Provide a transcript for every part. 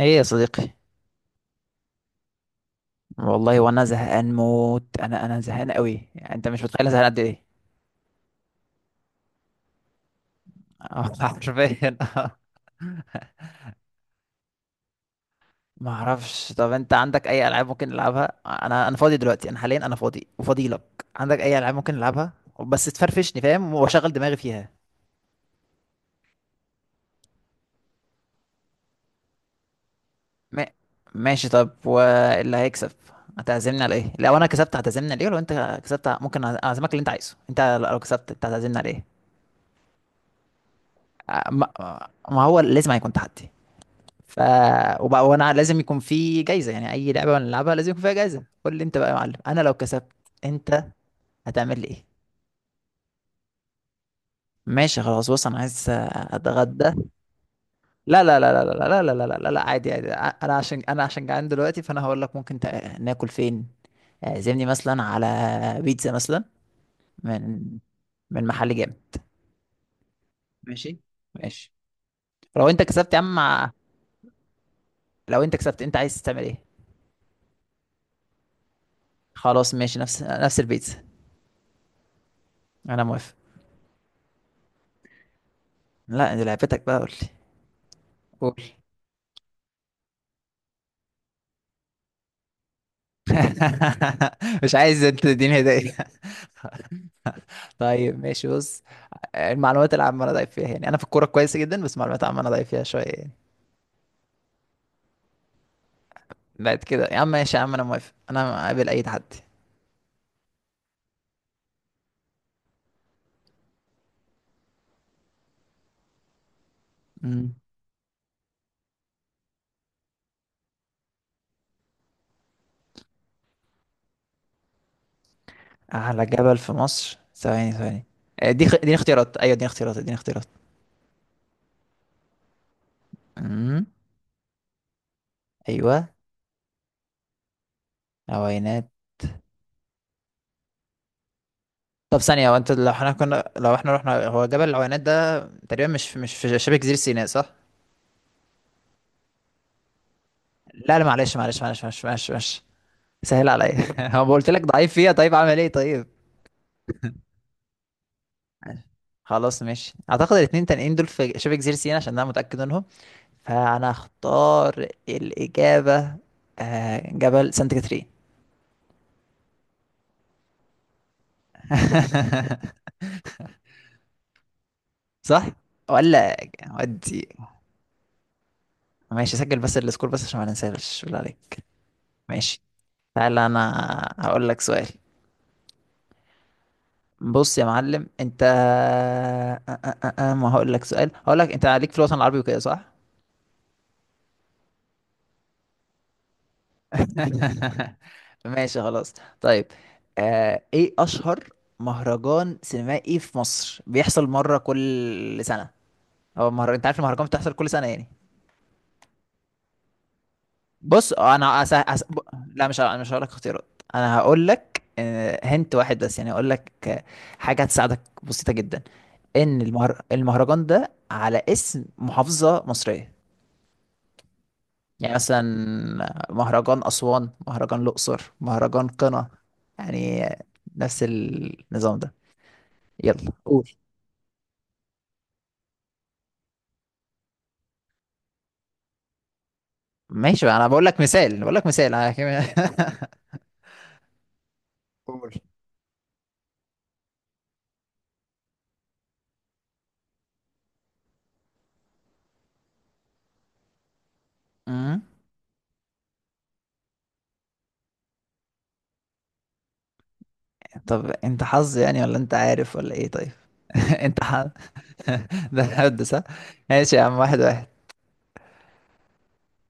ايه يا صديقي. والله وانا زهقان موت. انا زهقان قوي يعني، انت مش متخيل أنا زهقان قد ايه. حرفيا آه. ما اعرفش. طب انت عندك اي العاب ممكن نلعبها؟ انا فاضي دلوقتي، انا حاليا انا فاضي وفاضي لك. عندك اي العاب ممكن نلعبها؟ بس تفرفشني فاهم، واشغل دماغي فيها. ما... ماشي. طب واللي هيكسب هتعزمني على ايه؟ لو انا كسبت هتعزمني على ايه، ولو انت كسبت ممكن اعزمك اللي انت عايزه انت. لو كسبت انت هتعزمني على ايه؟ آه، ما... ما هو لازم هيكون تحدي. ف وبقى وانا لازم يكون في جايزه. يعني اي لعبه بنلعبها لازم يكون فيها جايزه. قول لي انت بقى يا معلم، انا لو كسبت انت هتعمل لي ايه؟ ماشي خلاص، بص انا عايز اتغدى. لا لا لا لا لا لا لا لا لا لا لا، عادي عادي، انا عشان انا عشان جعان دلوقتي، فانا هقول لك ممكن ناكل فين. اعزمني مثلا على بيتزا مثلا، من من محل جامد. ماشي. ماشي. لو انت كسبت يا عم لو انت كسبت انت عايز تعمل ايه؟ خلاص ماشي، نفس البيتزا. انا موافق. لا دي لعبتك بقى، قول لي. قول. مش عايز انت تديني هدايا. طيب ماشي، بص، المعلومات العامة انا ضعيف فيها يعني، انا في الكورة كويس جدا بس المعلومات العامة انا ضعيف فيها شوية يعني. بعد كده يا عم، ماشي يا عم، انا موافق، انا قابل اي تحدي. مم. اعلى جبل في مصر؟ ثواني ثواني. دي اختيارات، ايوه دي اختيارات دي اختيارات. امم. ايوه. العوينات. طب ثانية، هو انت لو احنا كنا لو احنا رحنا، هو جبل العوينات ده تقريبا مش في مش في شبه جزيرة سيناء صح؟ لا لا، معلش معلش معلش معلش معلش، معلش. سهل عليا. هو قلت لك ضعيف فيها، طيب اعمل ايه طيب؟ خلاص ماشي، اعتقد الاتنين تانيين دول في شبه جزيرة سيناء عشان انا متأكد منهم، فانا اختار الاجابة جبل سانت كاترين. صح ولا؟ ودي ماشي، سجل بس السكور بس عشان ما ننساش بالله عليك. ماشي. تعالى انا هقول لك سؤال. بص يا معلم انت، أ- أ- أ- أ- ما هقول لك سؤال، هقول لك انت عليك في الوطن العربي وكده صح. ماشي خلاص. طيب، آه، ايه اشهر مهرجان سينمائي في مصر بيحصل مره كل سنه؟ هو مهرجان، انت عارف المهرجان بتحصل كل سنه يعني. بص انا لا مش ه- انا مش هقول لك اختيارات، انا هقول لك. هنت واحد بس يعني، هقول لك حاجه هتساعدك بسيطه جدا، ان المهرجان ده على اسم محافظه مصريه. يعني مثلا مهرجان أسوان، مهرجان الأقصر، مهرجان قنا، يعني نفس النظام ده. يلا قول. ماشي بقى، انا بقول لك مثال بقول لك مثال، قول. أمم. طب انت حظ يعني ولا انت عارف ولا ايه طيب؟ انت حظ. ده حد صح. ماشي يا عم، واحد واحد.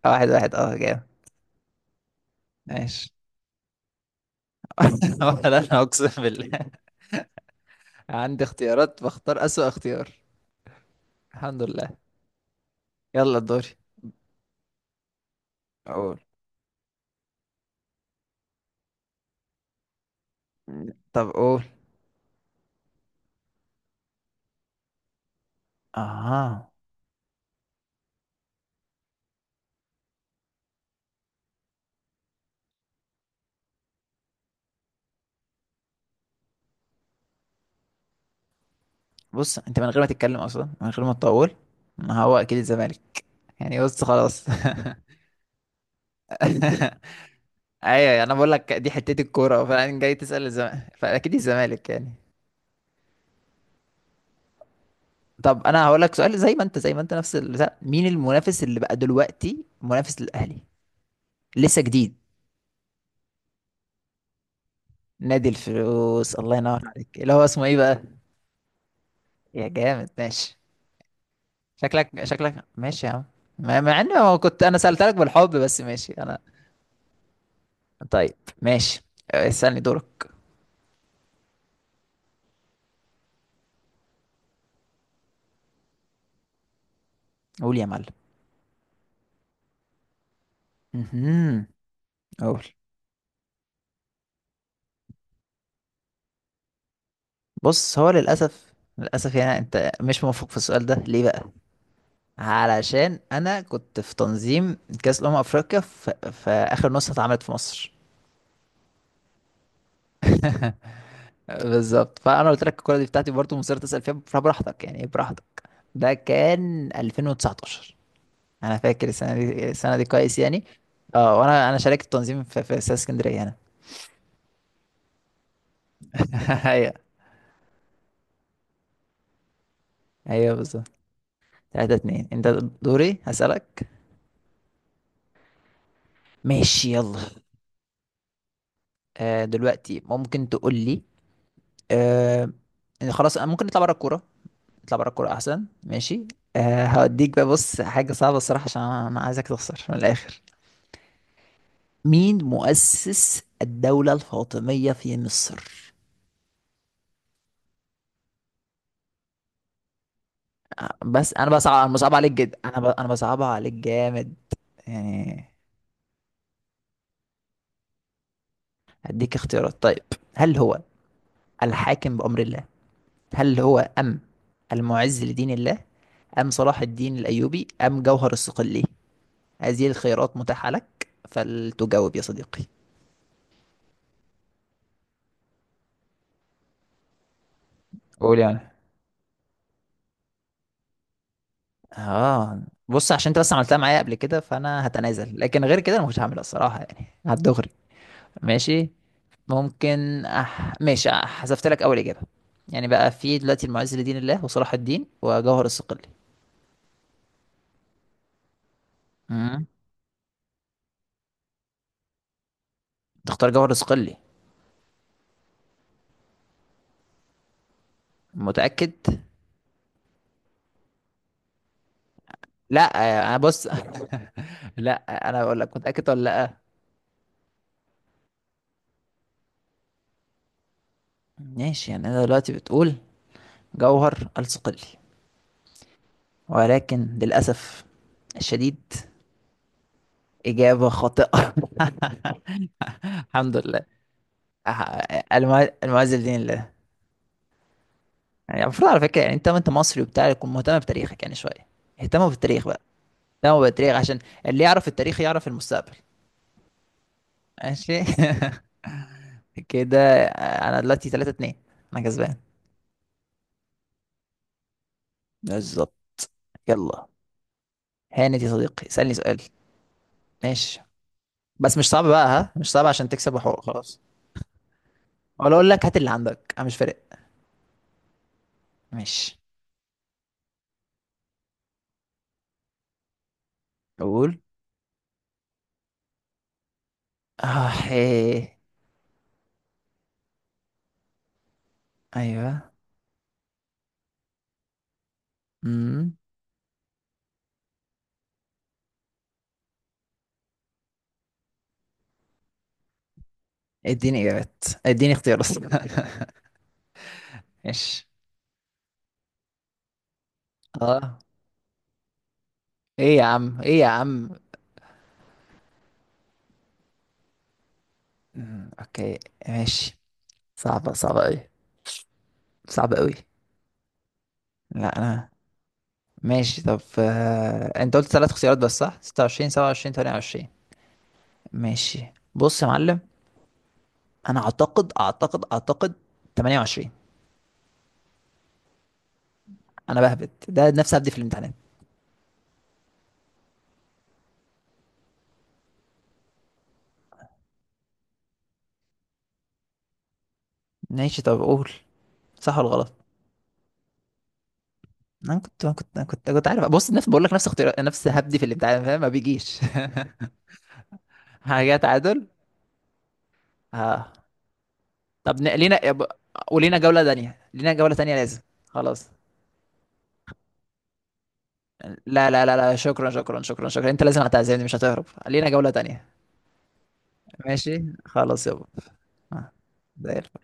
واحد واحد، اه جامد. ماشي. ولا انا، اقسم بالله عندي اختيارات بختار اسوأ اختيار. الحمد لله. يلا دوري. قول. طب قول. اه، بص انت من غير ما تتكلم اصلا، من غير ما تطول، ما هو اكيد الزمالك يعني. بص خلاص. ايوه انا بقول لك دي حتتي الكوره، فانا جاي تسال الزمالك، فاكيد الزمالك يعني. طب انا هقول لك سؤال زي ما انت، زي ما انت، نفس البتاع. مين المنافس اللي بقى دلوقتي منافس للاهلي لسه جديد؟ نادي الفلوس. الله ينور عليك، اللي هو اسمه ايه بقى؟ يا جامد ماشي. شكلك شكلك ماشي يا عم، مع مع اني ما كنت انا سالت لك بالحب، بس ماشي انا. طيب ماشي، اسالني دورك. قول يا معلم. مهم. قول. بص هو للأسف للأسف يعني، أنت مش موفق في السؤال ده، ليه بقى؟ علشان أنا كنت في تنظيم كأس الأمم أفريقيا في، في آخر نسخة اتعملت في مصر. بالظبط، فأنا قلت لك الكورة دي بتاعتي برضه، مصر تسأل فيها، فبراحتك يعني، إيه براحتك. ده كان 2019، أنا فاكر السنة دي، السنة دي كويس يعني. اه، وأنا شاركت التنظيم في، في استاد اسكندرية أنا. أيوه. أيوه بالظبط. 3 2 أنت. دوري هسألك. ماشي يلا. دلوقتي ممكن تقول لي، آه، إن خلاص أنا ممكن نطلع بره الكوره. نطلع بره الكوره احسن ماشي. أه هوديك بقى، بص حاجه صعبه الصراحه، عشان أنا عايزك تخسر من الاخر. مين مؤسس الدوله الفاطميه في مصر؟ بس انا بصعب، انا بصعب عليك جدا، انا بصعبها عليك جامد يعني. هديك اختيارات طيب. هل هو الحاكم بأمر الله، هل هو أم المعز لدين الله، أم صلاح الدين الأيوبي، أم جوهر الصقلي؟ هذه الخيارات متاحة لك فلتجاوب يا صديقي. قول يعني. اه بص، عشان انت بس عملتها معايا قبل كده فانا هتنازل، لكن غير كده انا مش هعملها الصراحة يعني هتدغري. ماشي. ماشي. حذفت لك اول اجابة. يعني بقى في دلوقتي المعز لدين الله، وصلاح الدين، وجوهر الصقلي. امم. تختار جوهر الصقلي؟ متأكد؟ لا انا بص. لا، انا بقول لك متأكد ولا لا. ماشي يعني، انا دلوقتي بتقول جوهر الصقلي. ولكن للأسف الشديد، إجابة خاطئة. الحمد لله. المعز بدين الله. يعني المفروض على فكرة يعني، أنت وأنت مصري وبتاع، تكون مهتم بتاريخك يعني شوية. اهتموا بالتاريخ بقى. اهتموا بالتاريخ عشان اللي يعرف التاريخ يعرف المستقبل. ماشي. كده أنا دلوقتي 3 2، أنا كسبان. بالظبط. يلا، هانت يا صديقي، اسألني سؤال. ماشي. بس مش صعب بقى، ها، مش صعب عشان تكسب وحقوق خلاص. ولا أقول لك هات اللي عندك، أنا مش فارق. ماشي. قول. اه إيه. ايوه. امم. اديني اجابات، اديني اختيارات. ماشي. اه. ايه يا عم ايه يا عم؟ مم، اوكي. ماشي. صعبة، صعبة اوي، صعبة اوي. لا انا. ماشي. طب انت قلت ثلاث اختيارات بس صح، 26 27 28. ماشي بص يا معلم، انا اعتقد اعتقد اعتقد 28. بهبت ده نفسي هبدي في الامتحانات. ماشي. طب قول، صح ولا غلط؟ انا كنت أنا كنت أنا كنت أنا كنت عارف، بص، نفس، بقول لك نفس اختيار، نفس هبدي في الامتحان فاهم ما بيجيش. حاجه تعادل. ها. طب ولينا جوله تانية، لينا جوله تانية لازم. خلاص لا لا لا لا، شكرا شكرا شكرا شكرا، انت لازم هتعزمني، مش هتهرب، لينا جوله تانية. ماشي خلاص يابا. آه، زي الفل.